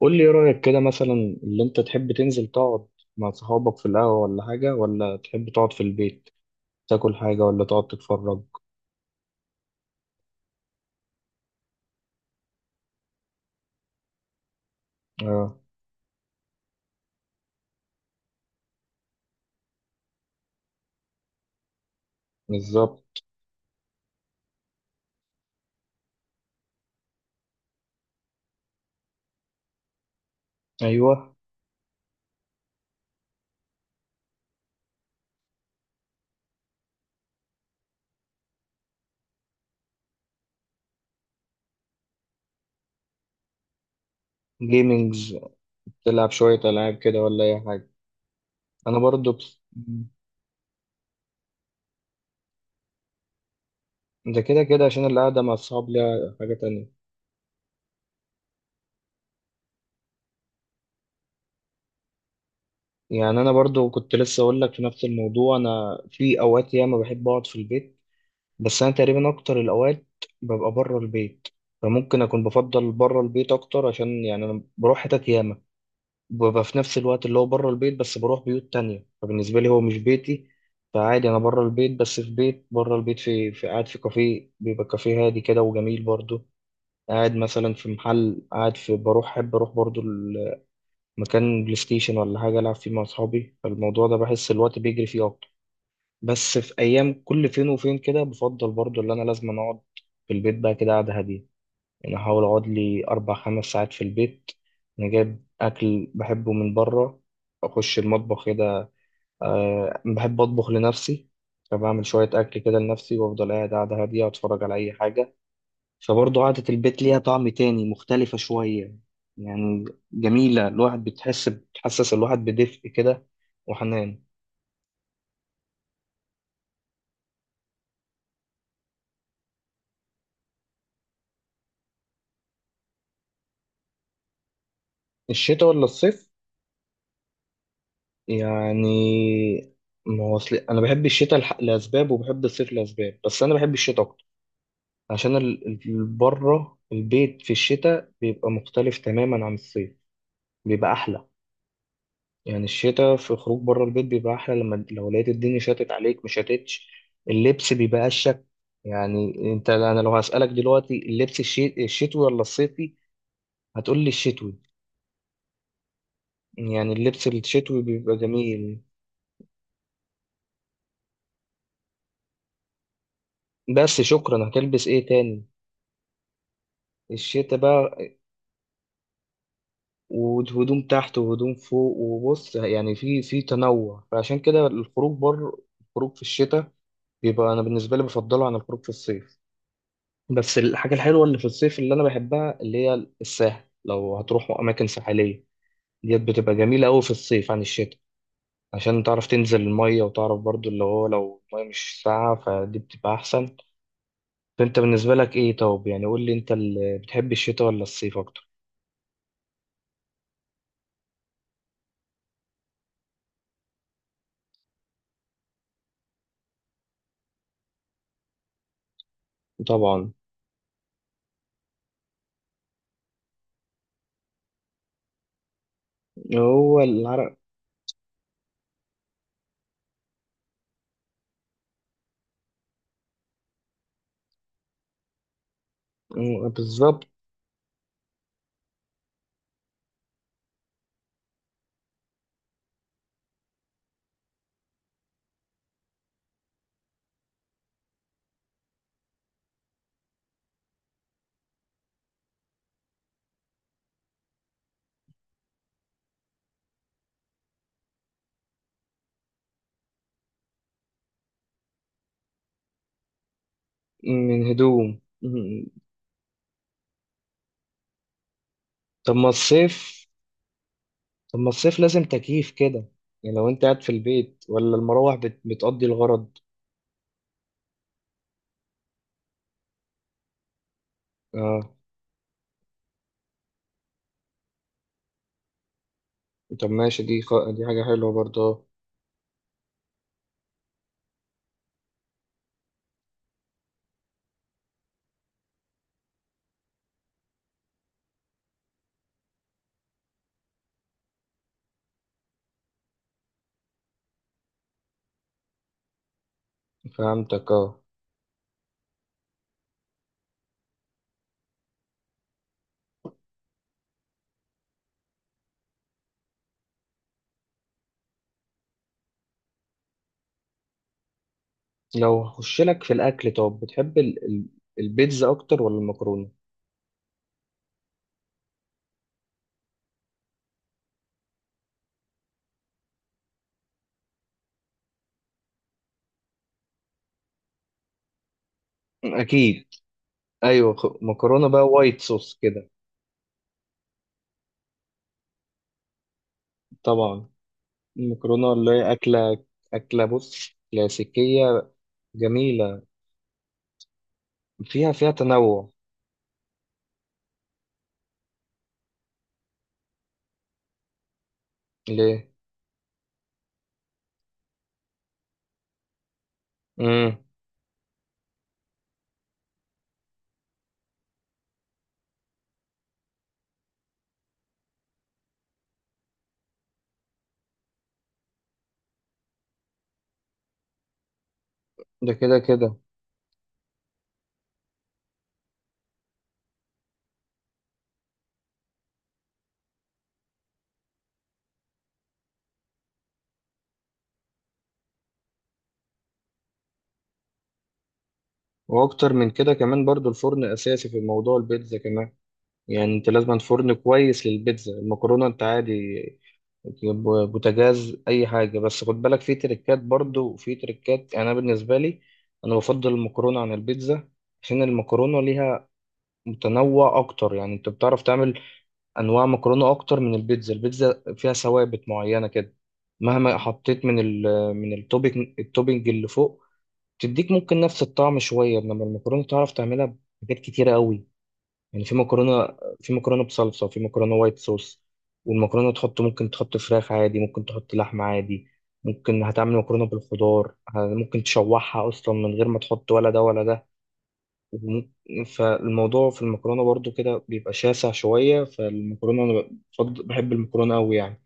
قول لي ايه رأيك كده مثلا؟ اللي انت تحب تنزل تقعد مع صحابك في القهوة ولا حاجة، ولا تحب تقعد في البيت تاكل حاجة ولا تقعد تتفرج؟ اه. بالظبط. ايوه. جيمينجز. تلعب شوية ألعاب كده ولا أي حاجة؟ أنا برضو بس... ده كده كده عشان القعدة مع الصحاب ليها حاجة تانية. يعني أنا برضو كنت لسه أقول لك في نفس الموضوع، أنا في أوقات ياما بحب أقعد في البيت، بس انا تقريبا اكتر الاوقات ببقى بره البيت، فممكن اكون بفضل بره البيت اكتر عشان يعني انا بروح حتت ياما، ببقى في نفس الوقت اللي هو بره البيت بس بروح بيوت تانية، فبالنسبه لي هو مش بيتي. فعادي انا بره البيت، بس في بيت بره البيت في قاعد في كافيه، بيبقى كافيه هادي كده وجميل برضه. قاعد مثلا في محل، قاعد في بروح، احب اروح برضه مكان بلاي ستيشن ولا حاجه العب فيه مع اصحابي، فالموضوع ده بحس الوقت بيجري فيه اكتر. بس في ايام كل فين وفين كده بفضل برضو اللي انا لازم أنا اقعد في البيت بقى كده قعده هاديه. يعني احاول اقعد لي 4 5 ساعات في البيت، انا جايب اكل بحبه من بره، اخش المطبخ كده، أه بحب اطبخ لنفسي. فبعمل شويه اكل كده لنفسي وافضل قاعد قعده هاديه اتفرج على اي حاجه، فبرضو قعده البيت ليها طعم تاني مختلفه شويه يعني. جميله، الواحد بتحس بتحسس الواحد بدفء كده، وحنان. الشتاء ولا الصيف؟ يعني، ما هو أصل أنا بحب الشتاء لأسباب وبحب الصيف لأسباب، بس أنا بحب الشتاء أكتر عشان بره البيت في الشتاء بيبقى مختلف تماما عن الصيف، بيبقى أحلى. يعني الشتاء في خروج بره البيت بيبقى أحلى، لما لو لقيت الدنيا شتت عليك مش شتتش، اللبس بيبقى أشك. يعني أنت، أنا لو هسألك دلوقتي اللبس الشتوي ولا الصيفي، هتقول لي الشتوي. يعني اللبس الشتوي بيبقى جميل. بس شكرا، هتلبس إيه تاني الشتاء بقى؟ وهدوم تحت وهدوم فوق وبص، يعني في تنوع، فعشان كده الخروج بره، الخروج في الشتاء بيبقى، انا بالنسبه لي، بفضله عن الخروج في الصيف. بس الحاجه الحلوه اللي في الصيف اللي انا بحبها اللي هي الساحل، لو هتروحوا اماكن ساحليه، ديت بتبقى جميله قوي في الصيف عن الشتاء، عشان تعرف تنزل الميه وتعرف برضو اللي هو لو الميه مش ساقعه فدي بتبقى احسن. فانت بالنسبه لك ايه؟ طب يعني قول لي انت اللي بتحب الشتاء ولا الصيف اكتر؟ طبعا. هو العرق. بالظبط. من هدوم. مم. طب ما الصيف، طب ما الصيف لازم تكييف كده، يعني لو انت قاعد في البيت ولا المراوح بتقضي الغرض؟ اه. طب ماشي، دي حاجة حلوة برضه آه. فهمتك اه. لو هخش لك في الأكل، طب بتحب البيتزا أكتر ولا المكرونة؟ أكيد. أيوة، مكرونة بقى وايت صوص كده. طبعا. المكرونة اللي هي أكلة، أكلة بص، كلاسيكية جميلة. فيها تنوع. ليه؟ مم. ده كده كده. واكتر من كده كمان برضو الفرن اساسي في موضوع البيتزا كمان، يعني انت لازم فرن كويس للبيتزا، المكرونه انت عادي تجيب بوتاجاز اي حاجه، بس خد بالك في تريكات برضو وفي تريكات، يعني انا بالنسبه لي انا بفضل المكرونه عن البيتزا، عشان المكرونه ليها متنوع اكتر، يعني انت بتعرف تعمل انواع مكرونه اكتر من البيتزا. البيتزا فيها ثوابت معينه كده، مهما حطيت من من التوبينج اللي فوق، تديك ممكن نفس الطعم شويه، انما المكرونه تعرف تعملها بحاجات كتيره قوي، يعني في مكرونه بصلصه، وفي مكرونه وايت صوص، والمكرونه تحط ممكن تحط فراخ عادي، ممكن تحط لحمه عادي، ممكن هتعمل مكرونه بالخضار، ممكن تشوحها اصلا من غير ما تحط ولا ده ولا ده، فالموضوع في المكرونه برضو كده بيبقى شاسع شويه، فالمكرونه انا بحب المكرونه قوي يعني.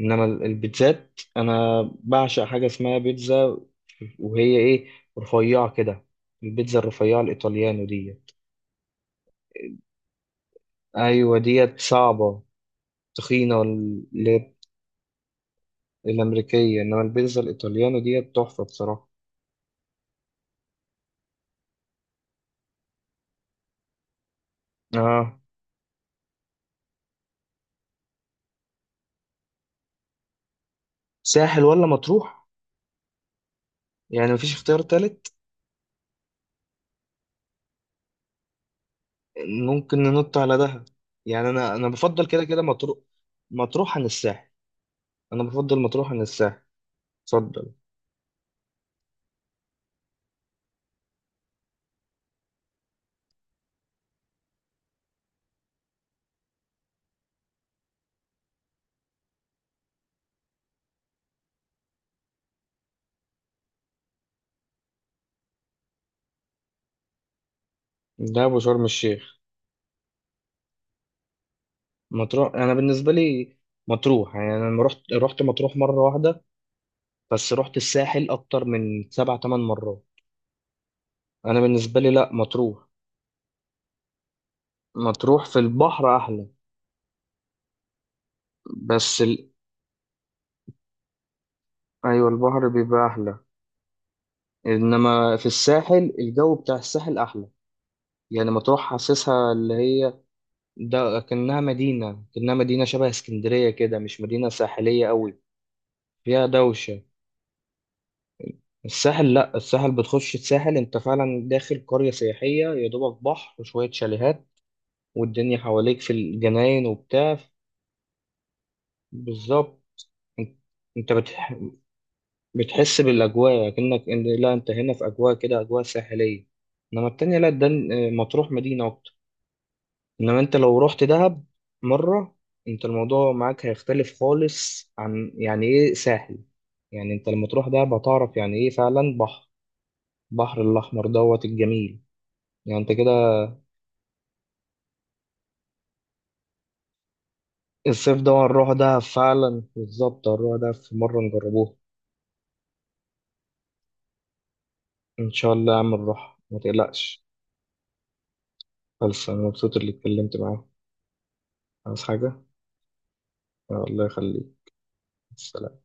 انما البيتزات انا بعشق حاجه اسمها بيتزا، وهي ايه؟ رفيعه كده، البيتزا الرفيعه الايطاليانو دي. ايوه، ديت صعبه تخينه اللي هي الامريكيه، انما البيتزا الايطاليانو ديت تحفه بصراحه. اه. ساحل ولا مطروح؟ يعني مفيش اختيار تالت؟ ممكن ننط على دهب، يعني انا بفضل كده كده مطروح، مطروح عن الساحل. انا بفضل مطروح عن الساحل. اتفضل. دهب وشرم الشيخ. مطروح، انا بالنسبه لي مطروح، يعني انا لما رحت رحت مطروح مره واحده، بس رحت الساحل اكتر من 7 8 مرات. انا بالنسبه لي لا، مطروح، مطروح في البحر احلى. بس ال... ايوه، البحر بيبقى احلى، انما في الساحل الجو بتاع الساحل احلى، يعني مطروح حاسسها اللي هي، ده كأنها مدينه شبه اسكندريه كده، مش مدينه ساحليه قوي، فيها دوشه. الساحل لا، الساحل بتخش الساحل انت فعلا داخل قرية سياحية، يا دوبك بحر وشوية شاليهات والدنيا حواليك في الجناين وبتاع. بالظبط. انت انت بتحس بالأجواء، كأنك ان لا انت هنا في أجواء كده، أجواء ساحلية. انما التانية لا، ده مطروح مدينة أكتر. انما انت لو رحت دهب مرة، انت الموضوع معاك هيختلف خالص عن يعني ايه ساحل، يعني انت لما تروح دهب هتعرف يعني ايه فعلا بحر، بحر الأحمر دوت الجميل، يعني انت كده. الصيف ده هنروح دهب فعلا، بالظبط هنروح دهب في مرة نجربوها. إن شاء الله يا عم نروح ما تقلقش. خلص. أنا مبسوط اللي اتكلمت معاه. عايز حاجة؟ الله يخليك. سلام.